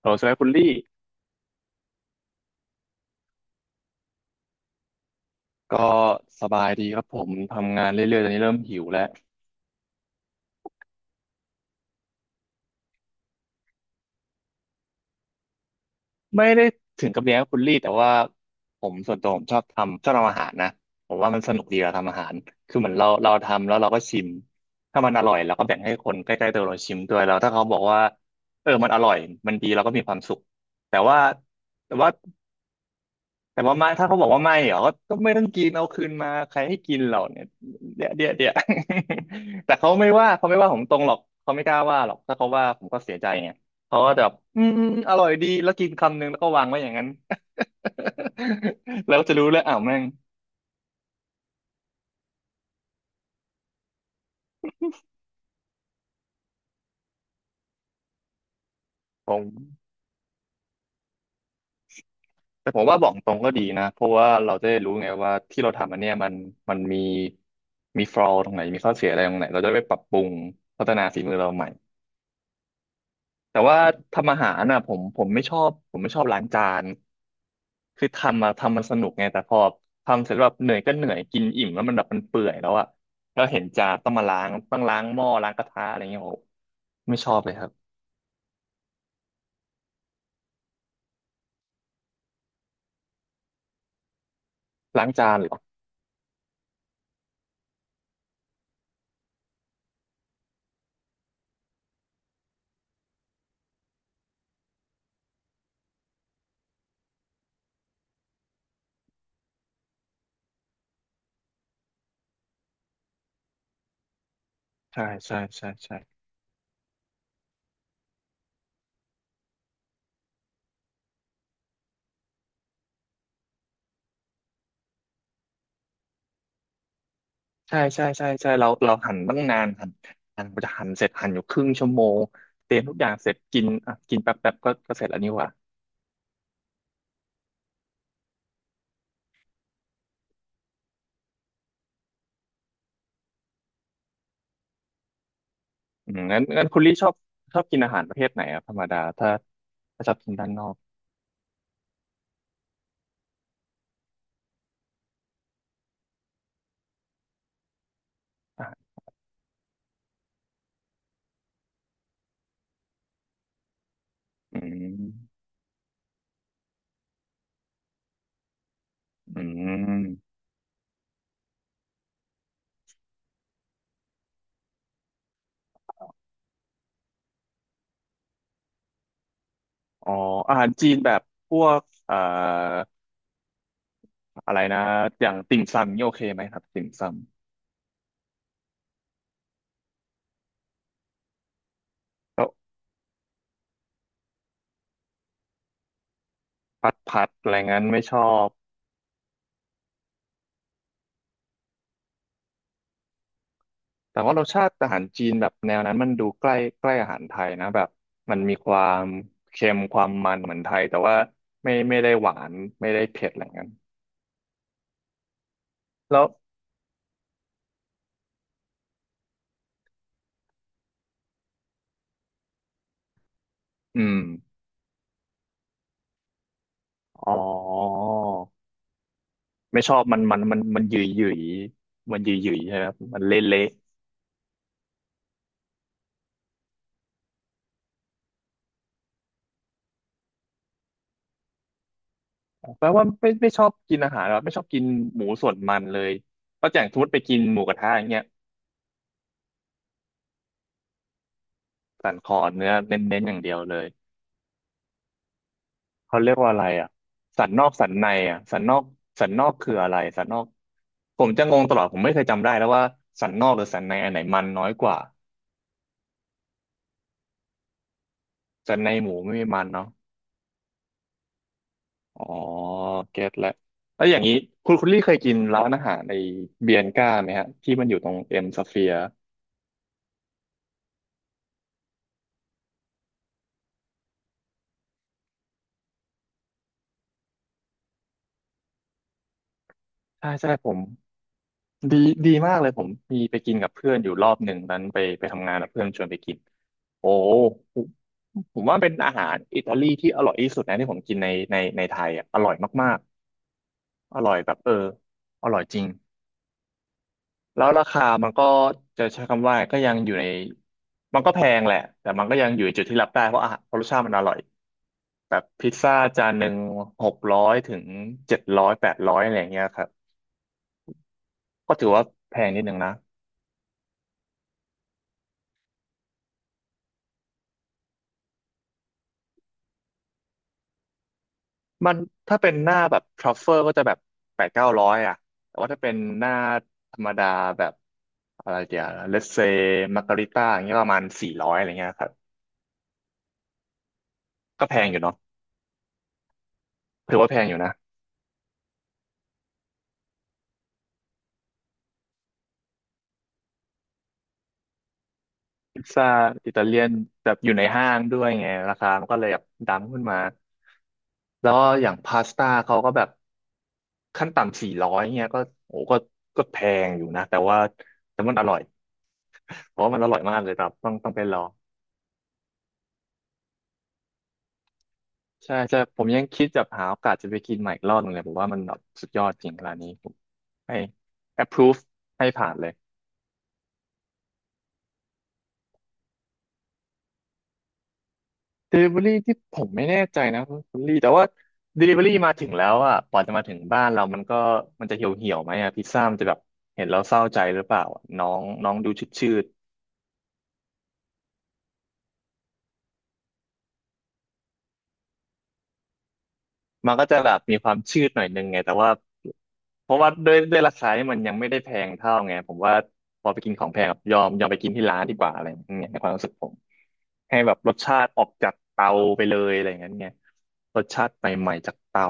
โหลสวัสดีคุณลี่ก็สบายดีครับผมทำงานเรื่อยๆตอนนี้เริ่มหิวแล้วไม่ได้ถึงกับเลี้ยงคุณลี่แต่ว่าผมส่วนตัวผมชอบทำอาหารนะผมว่ามันสนุกดีเราทำอาหารคือเหมือนเราทำแล้วเราก็ชิมถ้ามันอร่อยเราก็แบ่งให้คนใกล้ๆตัวเราชิมด้วยแล้วถ้าเขาบอกว่าเออมันอร่อยมันดีเราก็มีความสุขแต่ว่าแต่ว่า แต่ว่าไม่ถ้าเขาบอกว่าไม่เหรอก็ไม่ต้องกินเอาคืนมาใครให้กินเราเนี่ยเดี๋ยว แต่เขาไม่ว่าผมตรงหรอกเขาไม่กล้าว่าหรอกถ้าเขาว่าผมก็เสียใจไงเขาก็จะแบบอืมอืมอร่อยดีแล้วกินคำนึงแล้วก็วางไว้อย่างนั้น แล้วจะรู้แล้วอ้าวแม่งผมแต่ผมว่าบอกตรงก็ดีนะเพราะว่าเราจะได้รู้ไงว่าที่เราทำอันเนี้ยมันมันมีมีฟอลอตรงไหนมีข้อเสียอะไรตรงไหนเราจะได้ไปปรับปรุงพัฒนาฝีมือเราใหม่ แต่ว่าทำอาหารน่ะผมไม่ชอบล้างจานคือทำมาทำมันสนุกไงแต่พอทำเสร็จแล้วแบบเหนื่อยก็เหนื่อยกินอิ่มแล้วมันแบบมันเปื่อยแล้วอะแล้วเห็นจานต้องมาล้างหม้อล้างกระทะอะไรเงี้ยโอ้ไม่ชอบเลยครับล้างจานเหรอใช่ใช่ใช่ใช่ใช่ใช่ใช่ใช่เราหั่นตั้งนานหั่นกว่าจะหั่นเสร็จหั่นอยู่ครึ่งชั่วโมงเตรียมทุกอย่างเสร็จกินอ่ะกินแป๊บแป๊บก็เสร็จแล้วนี่หว่าอืมงั้นคุณลี่ชอบกินอาหารประเภทไหนอะธรรมดาถ้าชอบกินด้านนอก อืมอืมอ๋ออาหารจีนแบบพวกอะไรนะอย่างติ่มซำนี่โอเคไหมครับติ่มซำก็ผัดอะไรงั้นไม่ชอบแต่ว่ารสชาติอาหารจีนแบบแนวนั้นมันดูใกล้ใกล้อาหารไทยนะแบบมันมีความเค็มความมันเหมือนไทยแต่ว่าไม่ได้หวานไม่ได้เผ็ดอะไรงั้นแล้วอืมอ๋อไม่ชอบมันหยุยหยุยมันหยุยหยุยใช่ไหมครับมันเละเละ แปลว่าไม่ชอบกินอาหารหรอไม่ชอบกินหมูส่วนมันเลยป้าแจ่งสมมติไปกินหมูกระทะอย่างเงี้ยสันคอเนื้อเน้นๆอย่างเดียวเลยเขาเรียกว่าอะไรอ่ะสันนอกสันในอ่ะสันนอกคืออะไรสันนอกผมจะงงตลอดผมไม่เคยจำได้แล้วว่าสันนอกหรือสันในอันไหนมันน้อยกว่าสันในหมูไม่มีมันเนาะอ๋อเก็ตแล้วแล้วอย่างนี้คุณลี่เคยกินร้านอาหารในเบียนก้าไหมฮะที่มันอยู่ตรงเอ็มสเฟียร์ใช่ใช่ผม ดีดีมากเลยผมมีไปกินกับเพื่อนอยู่รอบหนึ่งนั้นไปทำงานกับเพื่อนชวนไปกินโอ้ผมผมว่าเป็นอาหารอิตาลีที่อร่อยที่สุดนะที่ผมกินในไทยอ่ะอร่อยมากๆอร่อยแบบเอออร่อยจริงแล้วราคามันก็จะใช้คำว่าก็ยังอยู่ในมันก็แพงแหละแต่มันก็ยังอยู่ในจุดที่รับได้เพราะอาหารเพราะรสชาติมันอร่อยแบบพิซซ่าจานหนึ่ง600ถึง700800อะไรอย่างเงี้ยครับก็ถือว่าแพงนิดนึงนะ มันถ้าเป็นหน้าแบบทรัฟเฟอร์ก็จะแบบ800-900อ่ะแต่ว่าถ้าเป็นหน้าธรรมดาแบบอะไรเดียวเลสเซมาการิต้าอย่างเงี้ยประมาณสี่ร้อยอะไรเงี้ยครับก็แพงอยู่เนาะถือว่าแพงอยู่นะพิซซ่าอิตาเลียนแบบอยู่ในห้างด้วยไงราคามันก็เลยแบบดังขึ้นมาแล้วอย่างพาสต้าเขาก็แบบขั้นต่ำสี่ร้อยเงี้ยก็โอ้ก็แพงอยู่นะแต่ว่าแต่มันอร่อยเพราะว่ามันอร่อยมากเลยครับต้องไปลอง ใช่ใช่ผมยังคิดจะหาโอกาสจะไปกินใหม่อีกรอบหนึงเลยผมว่ามันแบบสุดยอดจริงร้านนี้ผมให้ approve ให้ผ่านเลย delivery ที่ผมไม่แน่ใจนะคุณลี่แต่ว่า delivery มาถึงแล้วอ่ะกว่าจะมาถึงบ้านเรามันก็มันจะเหี่ยวเหี่ยวไหมอ่ะพิซซ่ามันจะแบบเห็นเราเศร้าใจหรือเปล่าอะน้องน้องดูชืดชืดมันก็จะแบบมีความชืดหน่อยนึงไงแต่ว่า เพราะว่าด้วยราคาที่มันยังไม่ได้แพงเท่าไงผมว่าพอไปกินของแพงอะยอมไปกินที่ร้านดีกว่าอะไรอย่างเงี้ยในความรู้สึกผมให้แบบรสชาติออกจากเตาไปเลยอะไรอย่างเงี้ยเนี่ยรสชาติใหม่ๆจากเตา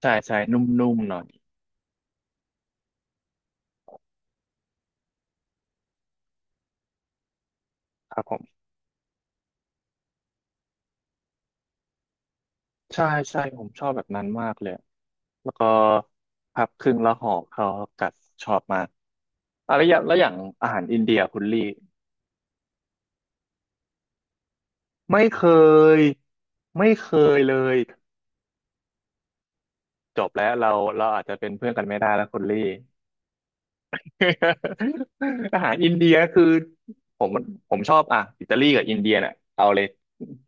ใช่ใช่นุ่มๆหน่อยครับผมใช่ใช่ผมชอบแบบนั้นมากเลยแล้วก็พับครึ่งแล้วห่อเขาวกัดชอบมากอะไรอย่างแล้วอย่างอาหารอินเดียคุณลี่ไม่เคยไม่เคยเลยจบแล้วเราอาจจะเป็นเพื่อนกันไม่ได้แล้วคุณลี่ อาหารอินเดียคือผมผมชอบอ่ะอิตาลีกับอินเดียเนี่ยเอาเลย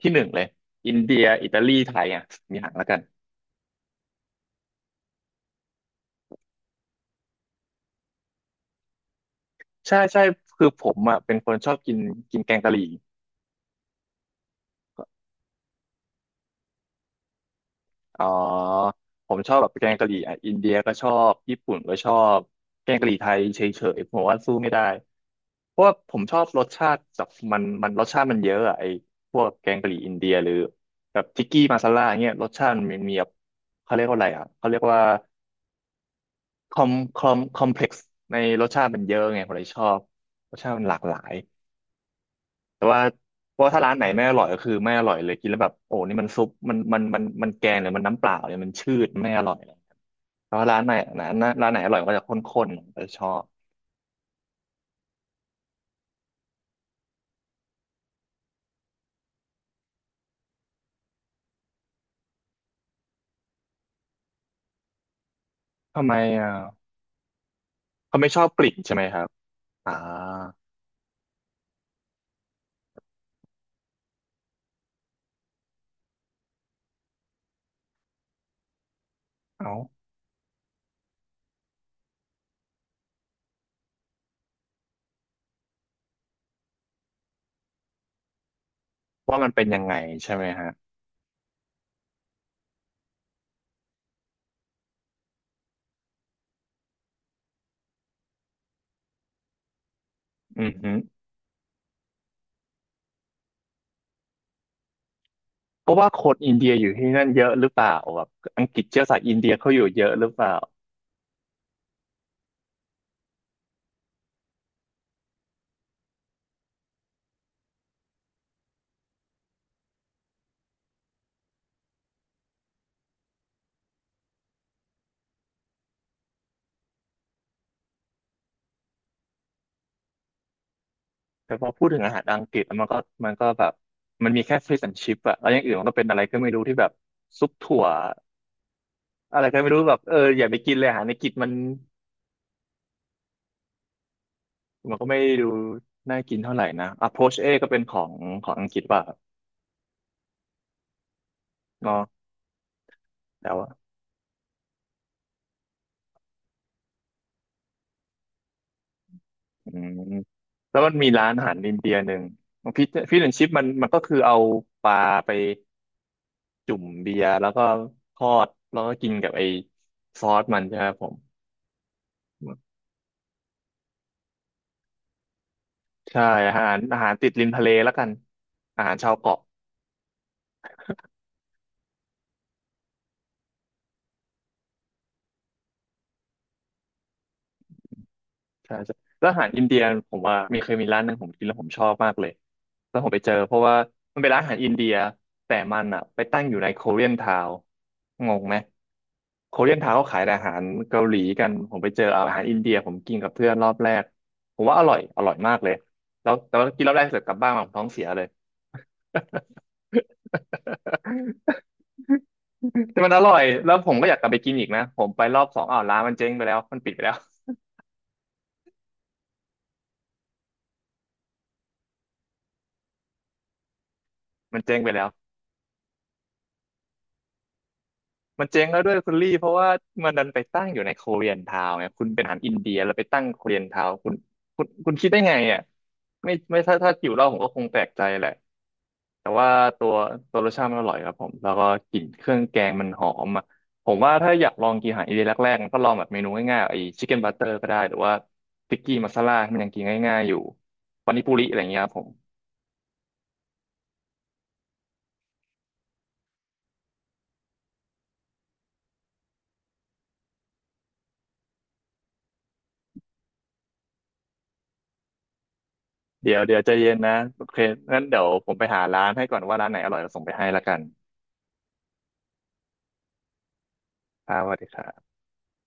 ที่หนึ่งเลยอินเดียอิตาลีไทยอ่ะมีอย่างแล้วกันใช่ใช่คือผมอ่ะเป็นคนชอบกินกินแกงกะหรี่ อ๋อผมชอบแบบแกงกะหรี่อ่ะอินเดียก็ชอบญี่ปุ่นก็ชอบแกงกะหรี่ไทยเฉยๆผมว่าสู้ไม่ได้เพราะว่าผมชอบรสชาติแบบมันรสชาติมันเยอะอะไอ้พวกแกงกะหรี่อินเดียหรือแบบทิกกี้มาซาล่าเงี้ยรสชาติมันมีแบบเขาเรียกว่าอะไรอ่ะเขาเรียกว่าคอมคอมเพล็กซ์ในรสชาติมันเยอะไงผมเลยชอบรสชาติมันหลากหลาย แต่ว่าเพราะว่าถ้าร้านไหนไม่อร่อยก็คือไม่อร่อยเลยกินแล้วแบบโอ้นี่มันซุปมันแกงหรือมันน้ำเปล่าเนี่ยมันชืดไม่อร่อยเลยแต่ว่าร้านไหนร้านร้านไหนอร่อยก็จะข้นๆผมจะชอบทำไมอ่ะเขาไม่ชอบกลิ่นใช่ไหมครับอ่าเอาว่ามันเป็นยังไงใช่ไหมฮะอือฮึเพราะว่าคนอินเดียอยู่ที่นั่นเยอะหรือเปล่าแบบอังกฤษเชื้อสายอินเดียเขาอยู่เยอะหรือเปล่าแต่พอพูดถึงอาหารอังกฤษแล้วมันก็แบบมันมีแค่ fish and chip อะแล้วอย่างอื่นมันก็เป็นอะไรก็ไม่รู้ที่แบบซุปถั่ว อะไรก็ไม่รู้แบบเอออย่าไปกินเลยอาหารในกิจมันมันก็ไม่ดูน่ากินเท่าไหร่นะ Approach A ก็เป็นของอังกฤษป่ะครับเนาะแล้วอ่ะอืมแล้วมันมีร้านอาหารอินเดียหนึ่งฟิชแอนชิปมันก็คือเอาปลาไปจุ่มเบียร์แล้วก็ทอดแล้วก็กินกับไอ้ซอสมันใช่ไหมครับผมใช่อาหารติดริมทะเลแล้วกันอาหารชาวเกาะ ใช่ใช่แล้วอาหารอินเดียผมว่ามีเคยมีร้านหนึ่งผมกินแล้วผมชอบมากเลยแล้วผมไปเจอเพราะว่ามันเป็นร้านอาหารอินเดียแต่มันอ่ะไปตั้งอยู่ในโคเรียนทาวงงไหมโคเรียนทาวเขาขายแต่อาหารเกาหลีกันผมไปเจออาหารอินเดียผมกินกับเพื่อนรอบแรกผมว่าอร่อยมากเลยแล้วแต่ว่ากินรอบแรกเสร็จกลับบ้านมาผมท้องเสียเลย แต่มันอร่อยแล้วผมก็อยากกลับไปกินอีกนะผมไปรอบสองอ้าวร้านมันเจ๊งไปแล้วมันปิดไปแล้วมันเจ๊งไปแล้ว มันเจ๊งแล้วด้วยคุณลี่เพราะว่ามันดันไปตั้งอยู่ในโคเรียนทาวน์ไงคุณเป็นอาหารอินเดียแล้วไปตั้งโคเรียนทาวน์คุณคิดได้ไงอ่ะไม่ถ้าหิวเหล้าผมก็คงแปลกใจแหละแต่ว่าตัวตัวรสชาติมันอร่อยครับผมแล้วก็กลิ่นเครื่องแกงมันหอมอ่ะผมว่าถ้าอยากลองกินอาหารอินเดียแรกๆมันก็ลองแบบเมนูง่ายๆไอ้ชิคเก้นบัตเตอร์ก็ได้หรือว่าติ๊กกี้มัสซาล่าที่มันยังกินง่ายๆอยู่ปานิปุริอะไรอย่างเงี้ยครับผมเดี๋ยวใจเย็นนะโอเคงั้นเดี๋ยวผมไปหาร้านให้ก่อนว่าร้านไหนอร่อยเราส่งไปให้ละกันครับสวัสดีครับ